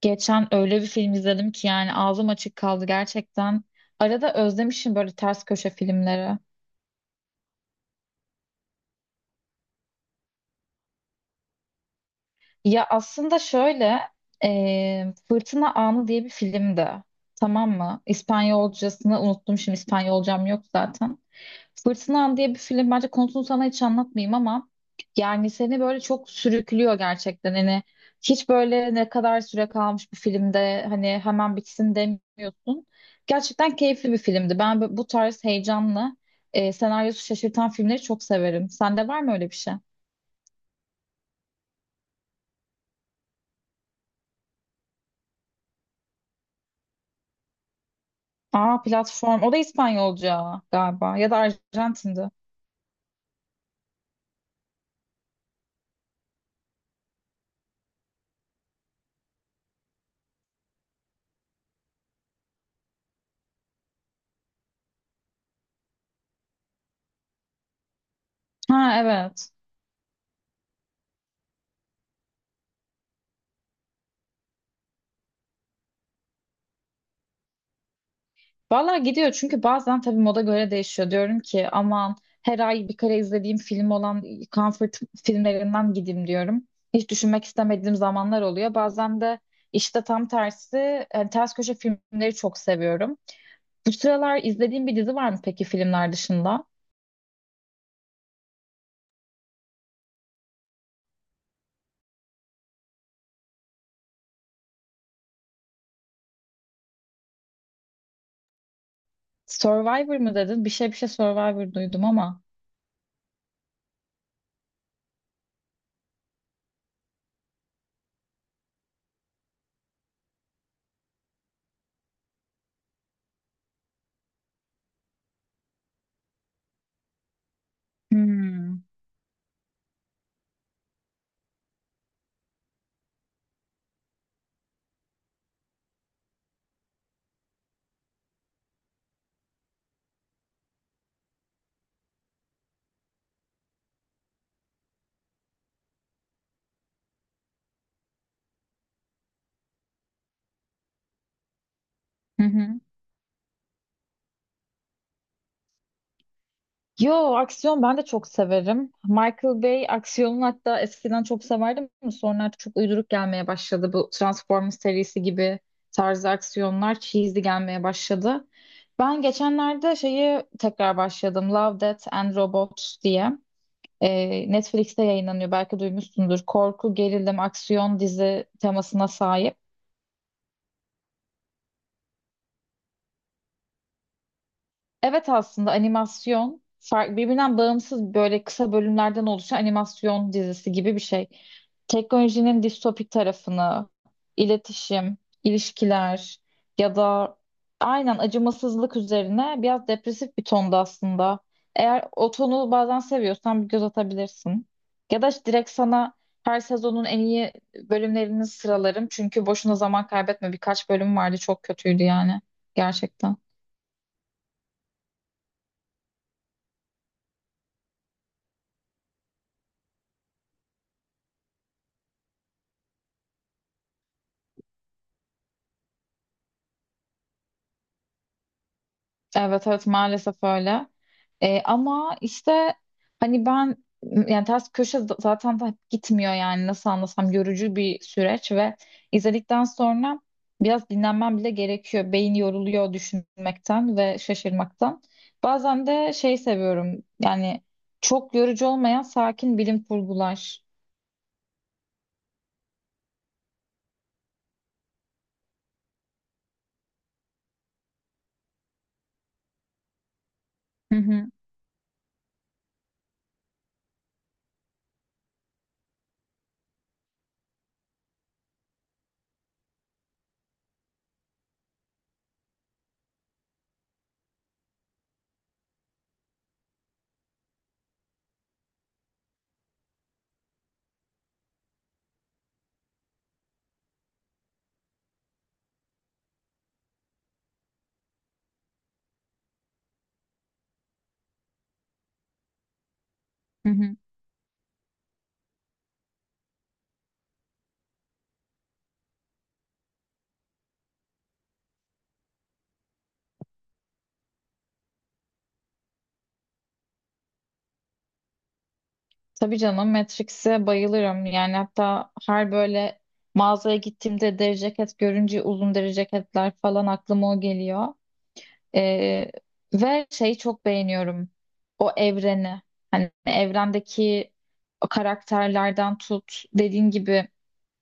Geçen öyle bir film izledim ki yani ağzım açık kaldı gerçekten. Arada özlemişim böyle ters köşe filmleri. Ya aslında şöyle Fırtına Anı diye bir filmdi. Tamam mı? İspanyolcasını unuttum, şimdi İspanyolcam yok zaten. Fırtınam diye bir film, bence konusunu sana hiç anlatmayayım ama yani seni böyle çok sürüklüyor gerçekten, hani hiç böyle ne kadar süre kalmış bir filmde hani hemen bitsin demiyorsun. Gerçekten keyifli bir filmdi. Ben bu tarz heyecanlı, senaryosu şaşırtan filmleri çok severim. Sende var mı öyle bir şey? Aa, Platform. O da İspanyolca galiba, ya da Arjantin'di. Ha, evet. Valla gidiyor, çünkü bazen tabii moda göre değişiyor. Diyorum ki aman, her ay bir kere izlediğim film olan comfort filmlerinden gideyim diyorum. Hiç düşünmek istemediğim zamanlar oluyor. Bazen de işte tam tersi, ters köşe filmleri çok seviyorum. Bu sıralar izlediğim bir dizi var mı peki filmler dışında? Survivor mı dedin? Bir şey Survivor duydum ama. Hmm. Hı hı. Yo, aksiyon ben de çok severim. Michael Bay aksiyonunu hatta eskiden çok severdim ama sonra artık çok uyduruk gelmeye başladı. Bu Transformers serisi gibi tarzı aksiyonlar cheesy gelmeye başladı. Ben geçenlerde şeyi tekrar başladım. Love, Death and Robots diye. Netflix'te yayınlanıyor, belki duymuşsundur. Korku, gerilim, aksiyon dizi temasına sahip. Evet, aslında animasyon, fark birbirinden bağımsız böyle kısa bölümlerden oluşan animasyon dizisi gibi bir şey. Teknolojinin distopik tarafını, iletişim, ilişkiler ya da aynen acımasızlık üzerine biraz depresif bir tonda aslında. Eğer o tonu bazen seviyorsan bir göz atabilirsin. Ya da direkt sana her sezonun en iyi bölümlerini sıralarım. Çünkü boşuna zaman kaybetme. Birkaç bölüm vardı çok kötüydü yani gerçekten. Evet evet, maalesef öyle. Ama işte hani ben yani ters köşe zaten da gitmiyor, yani nasıl anlasam, yorucu bir süreç ve izledikten sonra biraz dinlenmem bile gerekiyor. Beyin yoruluyor düşünmekten ve şaşırmaktan. Bazen de şey seviyorum, yani çok yorucu olmayan sakin bilim kurgular. Hı hı, hı hı. Tabii canım, Matrix'e bayılırım. Yani hatta her böyle mağazaya gittiğimde deri ceket görünce, uzun deri ceketler falan, aklıma o geliyor. Ee, ve şeyi çok beğeniyorum. O evreni. Hani evrendeki o karakterlerden tut. Dediğin gibi,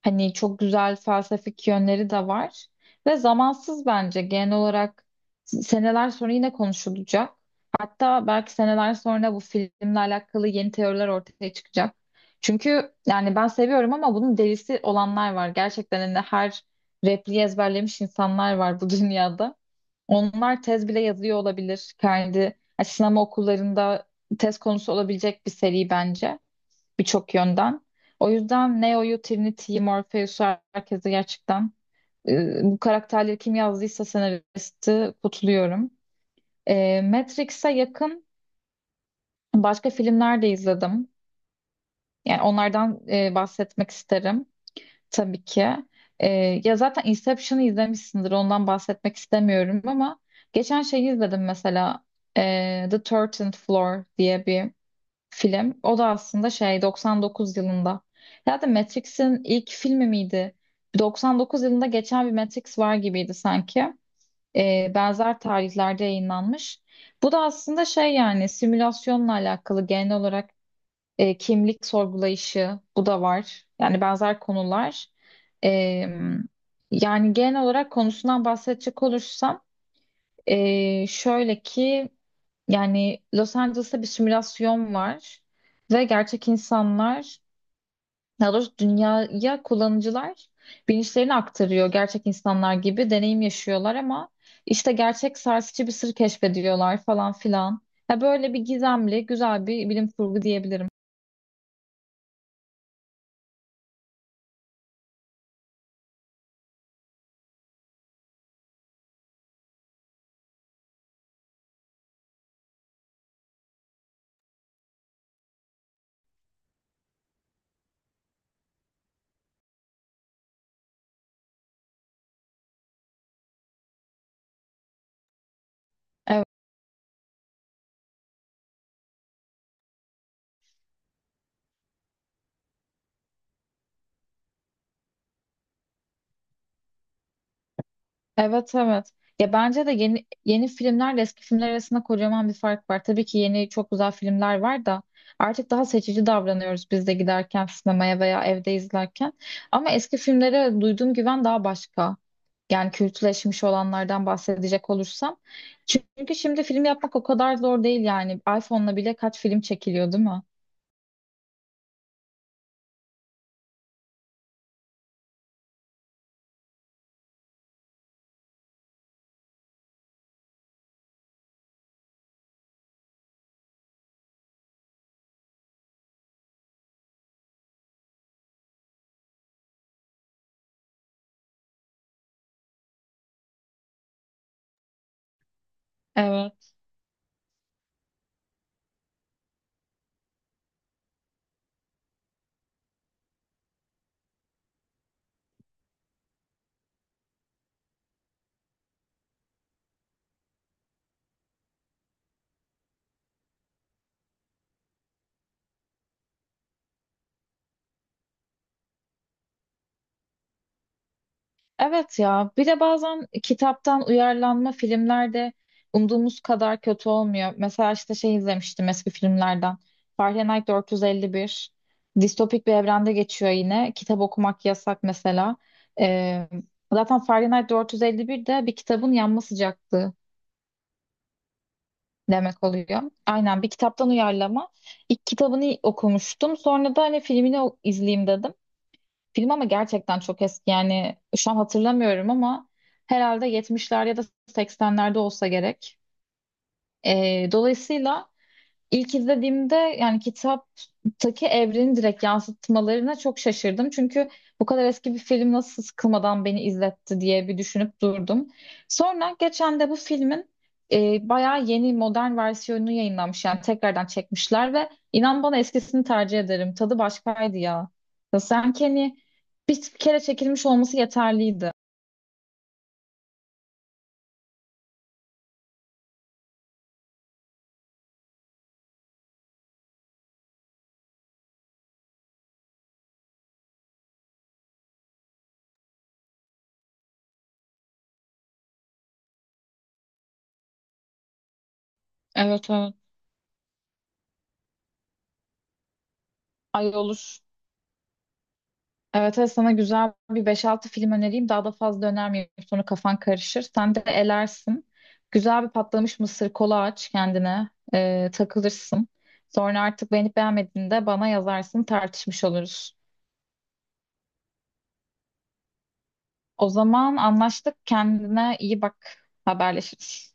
hani çok güzel felsefik yönleri de var. Ve zamansız bence genel olarak, seneler sonra yine konuşulacak. Hatta belki seneler sonra bu filmle alakalı yeni teoriler ortaya çıkacak. Çünkü yani ben seviyorum ama bunun delisi olanlar var. Gerçekten hani her repliği ezberlemiş insanlar var bu dünyada. Onlar tez bile yazıyor olabilir. Kendi yani sinema okullarında tez konusu olabilecek bir seri bence, birçok yönden. O yüzden Neo'yu, Trinity'yi, Morpheus'u, herkese gerçekten, bu karakterleri kim yazdıysa senaristi kutluyorum. E, Matrix'e yakın başka filmler de izledim. Yani onlardan bahsetmek isterim tabii ki. E, ya zaten Inception'ı izlemişsindir, ondan bahsetmek istemiyorum ama geçen şeyi izledim mesela, The 13 Floor diye bir film. O da aslında şey, 99 yılında. Ya da Matrix'in ilk filmi miydi? 99 yılında geçen bir Matrix var gibiydi sanki. Benzer tarihlerde yayınlanmış. Bu da aslında şey, yani simülasyonla alakalı genel olarak kimlik sorgulayışı bu da var. Yani benzer konular. Ee, yani genel olarak konusundan bahsedecek olursam, şöyle ki, yani Los Angeles'ta bir simülasyon var ve gerçek insanlar, daha doğrusu dünyaya kullanıcılar bilinçlerini aktarıyor, gerçek insanlar gibi deneyim yaşıyorlar ama işte gerçek sarsıcı bir sır keşfediyorlar falan filan. Ya böyle bir gizemli, güzel bir bilim kurgu diyebilirim. Evet, evet. Ya bence de yeni yeni filmlerle eski filmler arasında kocaman bir fark var. Tabii ki yeni çok güzel filmler var da artık daha seçici davranıyoruz biz de, giderken sinemaya veya evde izlerken. Ama eski filmlere duyduğum güven daha başka. Yani kültleşmiş olanlardan bahsedecek olursam. Çünkü şimdi film yapmak o kadar zor değil yani. iPhone'la bile kaç film çekiliyor, değil mi? Evet. Evet ya, bir de bazen kitaptan uyarlanma filmlerde umduğumuz kadar kötü olmuyor. Mesela işte şey izlemiştim, eski filmlerden. Fahrenheit 451. Distopik bir evrende geçiyor yine. Kitap okumak yasak mesela. Ee, zaten Fahrenheit 451 de bir kitabın yanma sıcaklığı demek oluyor. Aynen, bir kitaptan uyarlama. İlk kitabını okumuştum. Sonra da hani filmini izleyeyim dedim. Film ama gerçekten çok eski, yani şu an hatırlamıyorum ama herhalde yetmişler ya da seksenlerde olsa gerek. Dolayısıyla İlk izlediğimde, yani kitaptaki evrenin direkt yansıtmalarına çok şaşırdım. Çünkü bu kadar eski bir film nasıl sıkılmadan beni izletti diye bir düşünüp durdum. Sonra geçen de bu filmin bayağı yeni modern versiyonu yayınlanmış. Yani tekrardan çekmişler ve inan bana eskisini tercih ederim. Tadı başkaydı ya. Ya sanki hani bir kere çekilmiş olması yeterliydi. Evet, evet. Ay, olur. Evet, evet, sana güzel bir beş-altı film önereyim. Daha da fazla önermeyeyim, sonra kafan karışır, sen de elersin. Güzel bir patlamış mısır, kola aç kendine. Takılırsın. Sonra artık beğenip beğenmediğinde bana yazarsın. Tartışmış oluruz. O zaman anlaştık. Kendine iyi bak. Haberleşiriz.